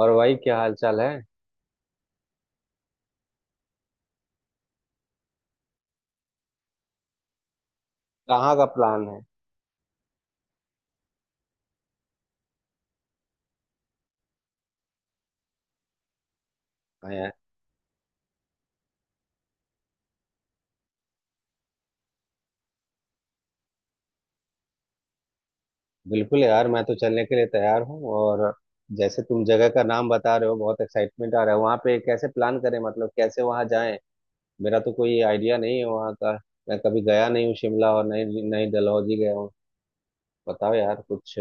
और भाई क्या हाल चाल है। कहाँ का प्लान है? हाँ यार। बिल्कुल यार, मैं तो चलने के लिए तैयार हूँ। और जैसे तुम जगह का नाम बता रहे हो, बहुत एक्साइटमेंट आ रहा है। वहाँ पे कैसे प्लान करें, मतलब कैसे वहाँ जाएं? मेरा तो कोई आइडिया नहीं है वहाँ का। मैं कभी गया नहीं हूँ शिमला, और नई नई डलहौजी गया हूँ। बताओ यार कुछ,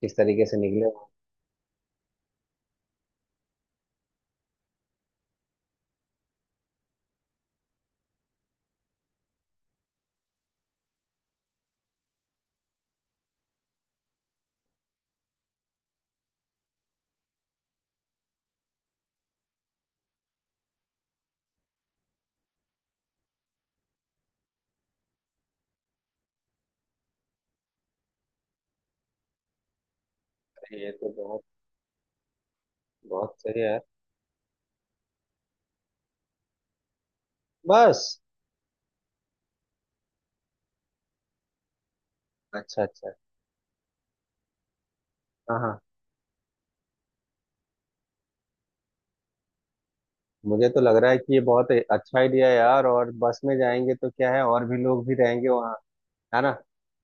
किस तरीके से निकले वहाँ से? ये तो बहुत बहुत सही है यार। बस। अच्छा अच्छा। हाँ हाँ। मुझे तो लग रहा है कि ये बहुत अच्छा आइडिया है यार। और बस में जाएंगे तो क्या है, और भी लोग भी रहेंगे वहाँ, है ना?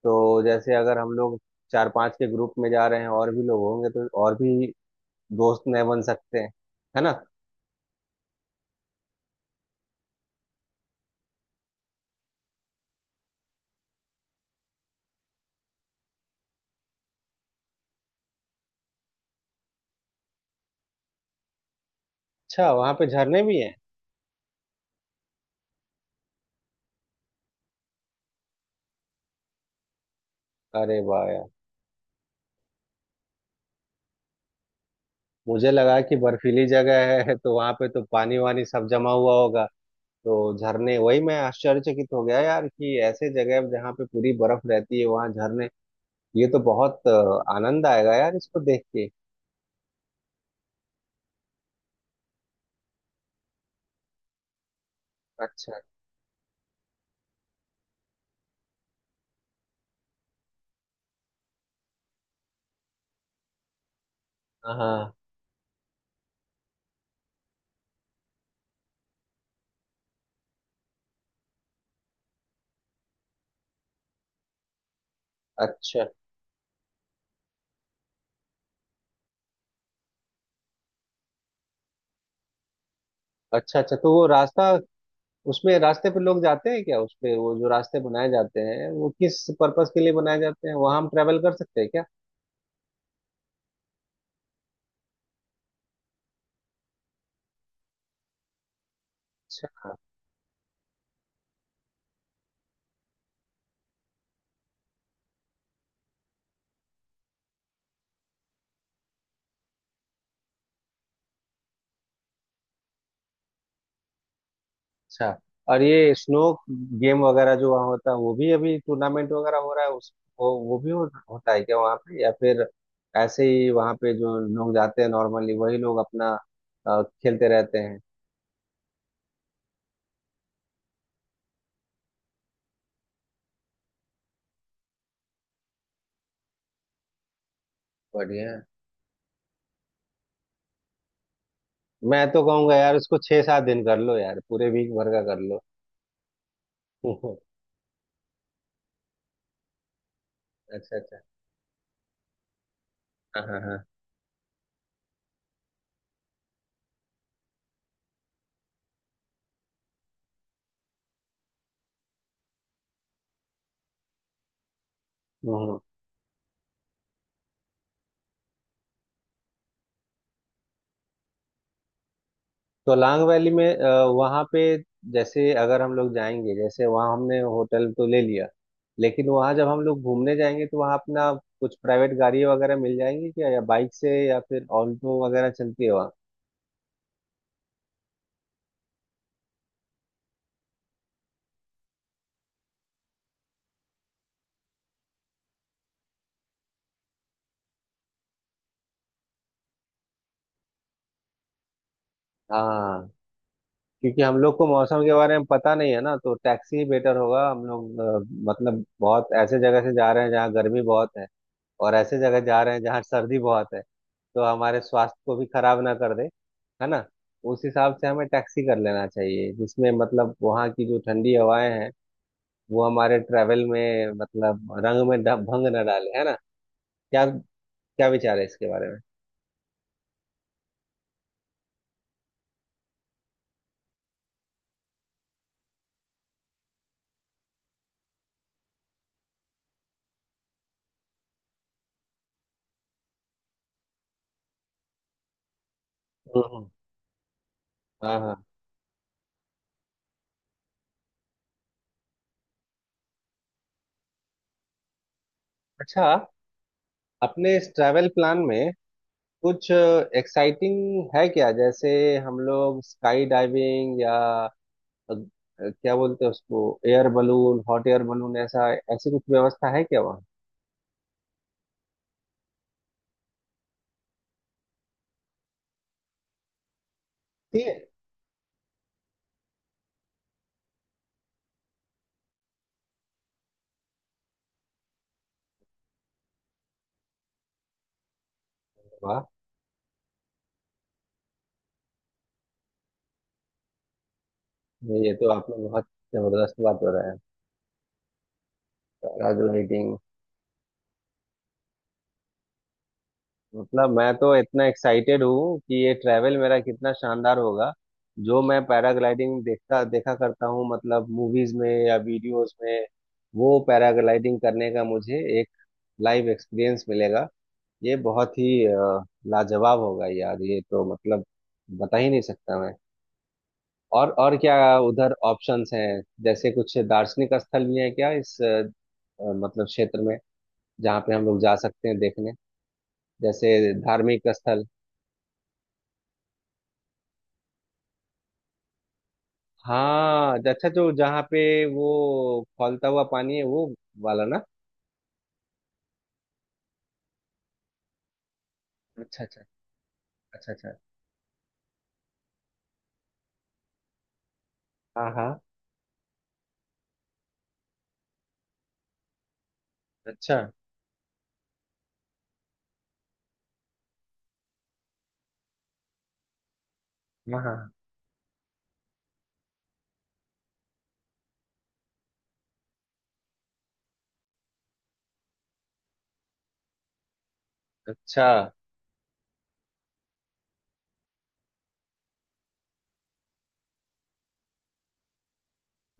तो जैसे अगर हम लोग चार पांच के ग्रुप में जा रहे हैं, और भी लोग होंगे तो और भी दोस्त नए बन सकते हैं, है ना? अच्छा, वहां पे झरने भी हैं? अरे वाह यार। मुझे लगा कि बर्फीली जगह है, तो वहां पे तो पानी वानी सब जमा हुआ होगा। तो झरने, वही मैं आश्चर्यचकित हो गया यार कि ऐसे जगह जहाँ पे पूरी बर्फ रहती है वहां झरने। ये तो बहुत आनंद आएगा यार इसको देख के। अच्छा। हाँ। अच्छा अच्छा। अच्छा, तो वो रास्ता, उसमें रास्ते पे लोग जाते हैं क्या? उस पे वो जो रास्ते बनाए जाते हैं वो किस पर्पस के लिए बनाए जाते हैं? वहां हम ट्रेवल कर सकते हैं क्या? अच्छा अच्छा। और ये स्नो गेम वगैरह जो वहाँ होता है, वो भी अभी टूर्नामेंट वगैरह हो रहा है उस, वो भी होता है क्या वहाँ पे, या फिर ऐसे ही वहाँ पे जो लोग जाते हैं नॉर्मली वही लोग अपना खेलते रहते हैं? बढ़िया। मैं तो कहूंगा यार उसको 6-7 दिन कर लो यार, पूरे वीक भर का कर लो। अच्छा अच्छा। हाँ हाँ। हाँ, सोलांग वैली में वहाँ पे, जैसे अगर हम लोग जाएंगे, जैसे वहाँ हमने होटल तो ले लिया, लेकिन वहाँ जब हम लोग घूमने जाएंगे तो वहाँ अपना कुछ प्राइवेट गाड़ी वगैरह मिल जाएंगी क्या, या बाइक से या फिर ऑल्टो वगैरह चलती है वहाँ? हाँ। क्योंकि हम लोग को मौसम के बारे में पता नहीं है ना, तो टैक्सी ही बेटर होगा। हम लोग मतलब बहुत ऐसे जगह से जा रहे हैं जहाँ गर्मी बहुत है, और ऐसे जगह जा रहे हैं जहाँ सर्दी बहुत है। तो हमारे स्वास्थ्य को भी खराब ना कर दे, है ना? उस हिसाब से हमें टैक्सी कर लेना चाहिए, जिसमें मतलब वहाँ की जो ठंडी हवाएं हैं, वो हमारे ट्रैवल में मतलब रंग में भंग ना डाले, है ना? क्या क्या विचार है इसके बारे में? हम्म। हाँ हाँ। अच्छा, अपने इस ट्रैवल प्लान में कुछ एक्साइटिंग है क्या? जैसे हम लोग स्काई डाइविंग या अग- क्या बोलते हैं उसको, air balloon, hot air balloon, ऐसा ऐसी कुछ व्यवस्था है क्या वहाँ? ठीक है। वाह। ये तो आपने बहुत जबरदस्त बात बताया। पैराग्लाइडिंग, मतलब मैं तो इतना एक्साइटेड हूँ कि ये ट्रैवल मेरा कितना शानदार होगा। जो मैं पैराग्लाइडिंग देखता देखा करता हूँ मतलब मूवीज में या वीडियोस में, वो पैराग्लाइडिंग करने का मुझे एक लाइव एक्सपीरियंस मिलेगा। ये बहुत ही लाजवाब होगा यार, ये तो मतलब बता ही नहीं सकता मैं। और क्या उधर ऑप्शंस हैं, जैसे कुछ दार्शनिक स्थल भी है क्या इस मतलब क्षेत्र में जहाँ पे हम लोग जा सकते हैं देखने, जैसे धार्मिक स्थल? हाँ, अच्छा। जो जहाँ पे वो खौलता हुआ पानी है, वो वाला ना? अच्छा अच्छा अच्छा अच्छा। हाँ हाँ। अच्छा। हाँ हाँ। अच्छा।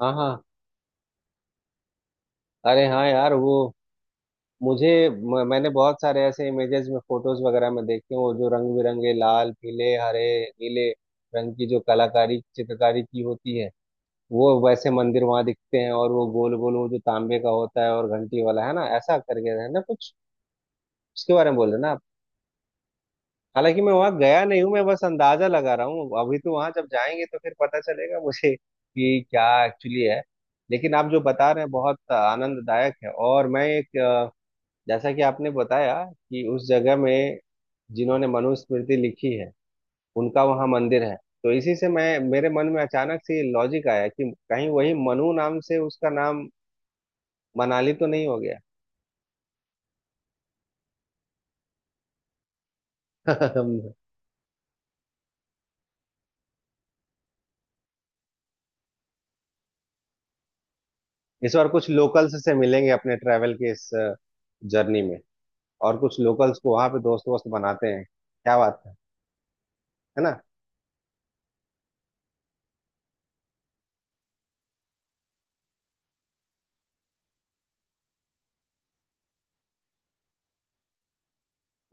हाँ हाँ। अरे हाँ यार, वो, मुझे मैंने बहुत सारे ऐसे इमेजेस में फोटोज वगैरह में देखे हैं, वो जो रंग बिरंगे लाल पीले हरे नीले रंग की जो कलाकारी चित्रकारी की होती है, वो वैसे मंदिर वहां दिखते हैं। और वो गोल गोल वो जो तांबे का होता है और घंटी वाला है ना, ऐसा करके, है ना, कुछ उसके बारे में बोल रहे ना आप? हालांकि मैं वहां गया नहीं हूँ, मैं बस अंदाजा लगा रहा हूँ, अभी तो वहां जब जाएंगे तो फिर पता चलेगा मुझे कि क्या एक्चुअली है। लेकिन आप जो बता रहे हैं बहुत आनंददायक है। और मैं एक, जैसा कि आपने बताया कि उस जगह में जिन्होंने मनुस्मृति लिखी है उनका वहां मंदिर है, तो इसी से मैं मेरे मन में अचानक से ये लॉजिक आया कि कहीं वही मनु नाम से उसका नाम मनाली तो नहीं हो गया। इस बार कुछ लोकल्स से मिलेंगे अपने ट्रैवल के इस जर्नी में, और कुछ लोकल्स को वहां पे दोस्त वोस्त बनाते हैं, क्या बात है ना?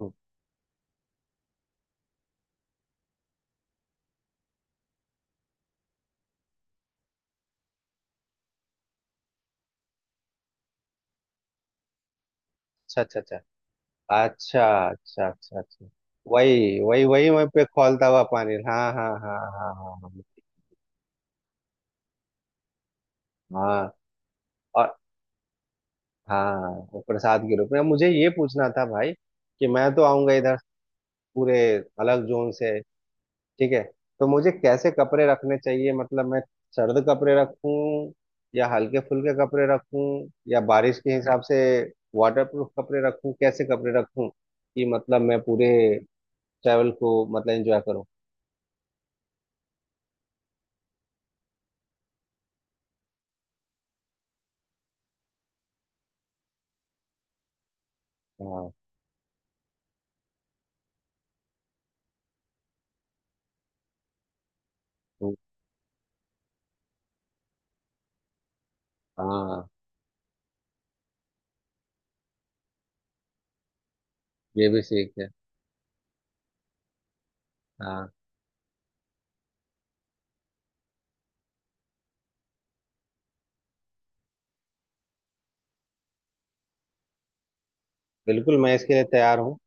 हम्म, अच्छा अच्छा अच्छा अच्छा। अच्छा अच्छा अच्छा। वही वही वही वहीं पे खौलता हुआ पानी, हाँ हाँ हाँ हाँ हाँ। हाँ हाँ। और हाँ, वो प्रसाद के रूप में। अब मुझे ये पूछना था भाई, कि मैं तो आऊंगा इधर पूरे अलग जोन से, ठीक है, तो मुझे कैसे कपड़े रखने चाहिए? मतलब मैं सर्द कपड़े रखूं, या हल्के फुल्के कपड़े रखूं, या बारिश के हिसाब से वाटरप्रूफ कपड़े रखूं? कैसे कपड़े रखूं कि मतलब मैं पूरे ट्रैवल को मतलब एंजॉय करूं? हाँ। तो- हाँ, ये भी सीख है। हाँ बिल्कुल, मैं इसके लिए तैयार हूँ।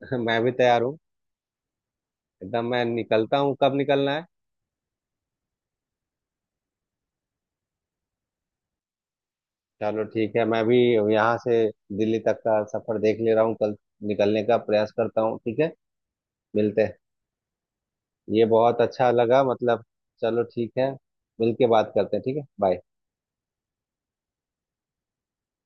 मैं भी तैयार हूँ। एकदम, मैं निकलता हूँ, कब निकलना है? चलो ठीक है, मैं भी यहाँ से दिल्ली तक का सफर देख ले रहा हूँ, कल निकलने का प्रयास करता हूँ, ठीक है? मिलते हैं। ये बहुत अच्छा लगा, मतलब चलो ठीक है, मिलके बात करते हैं, ठीक है, बाय।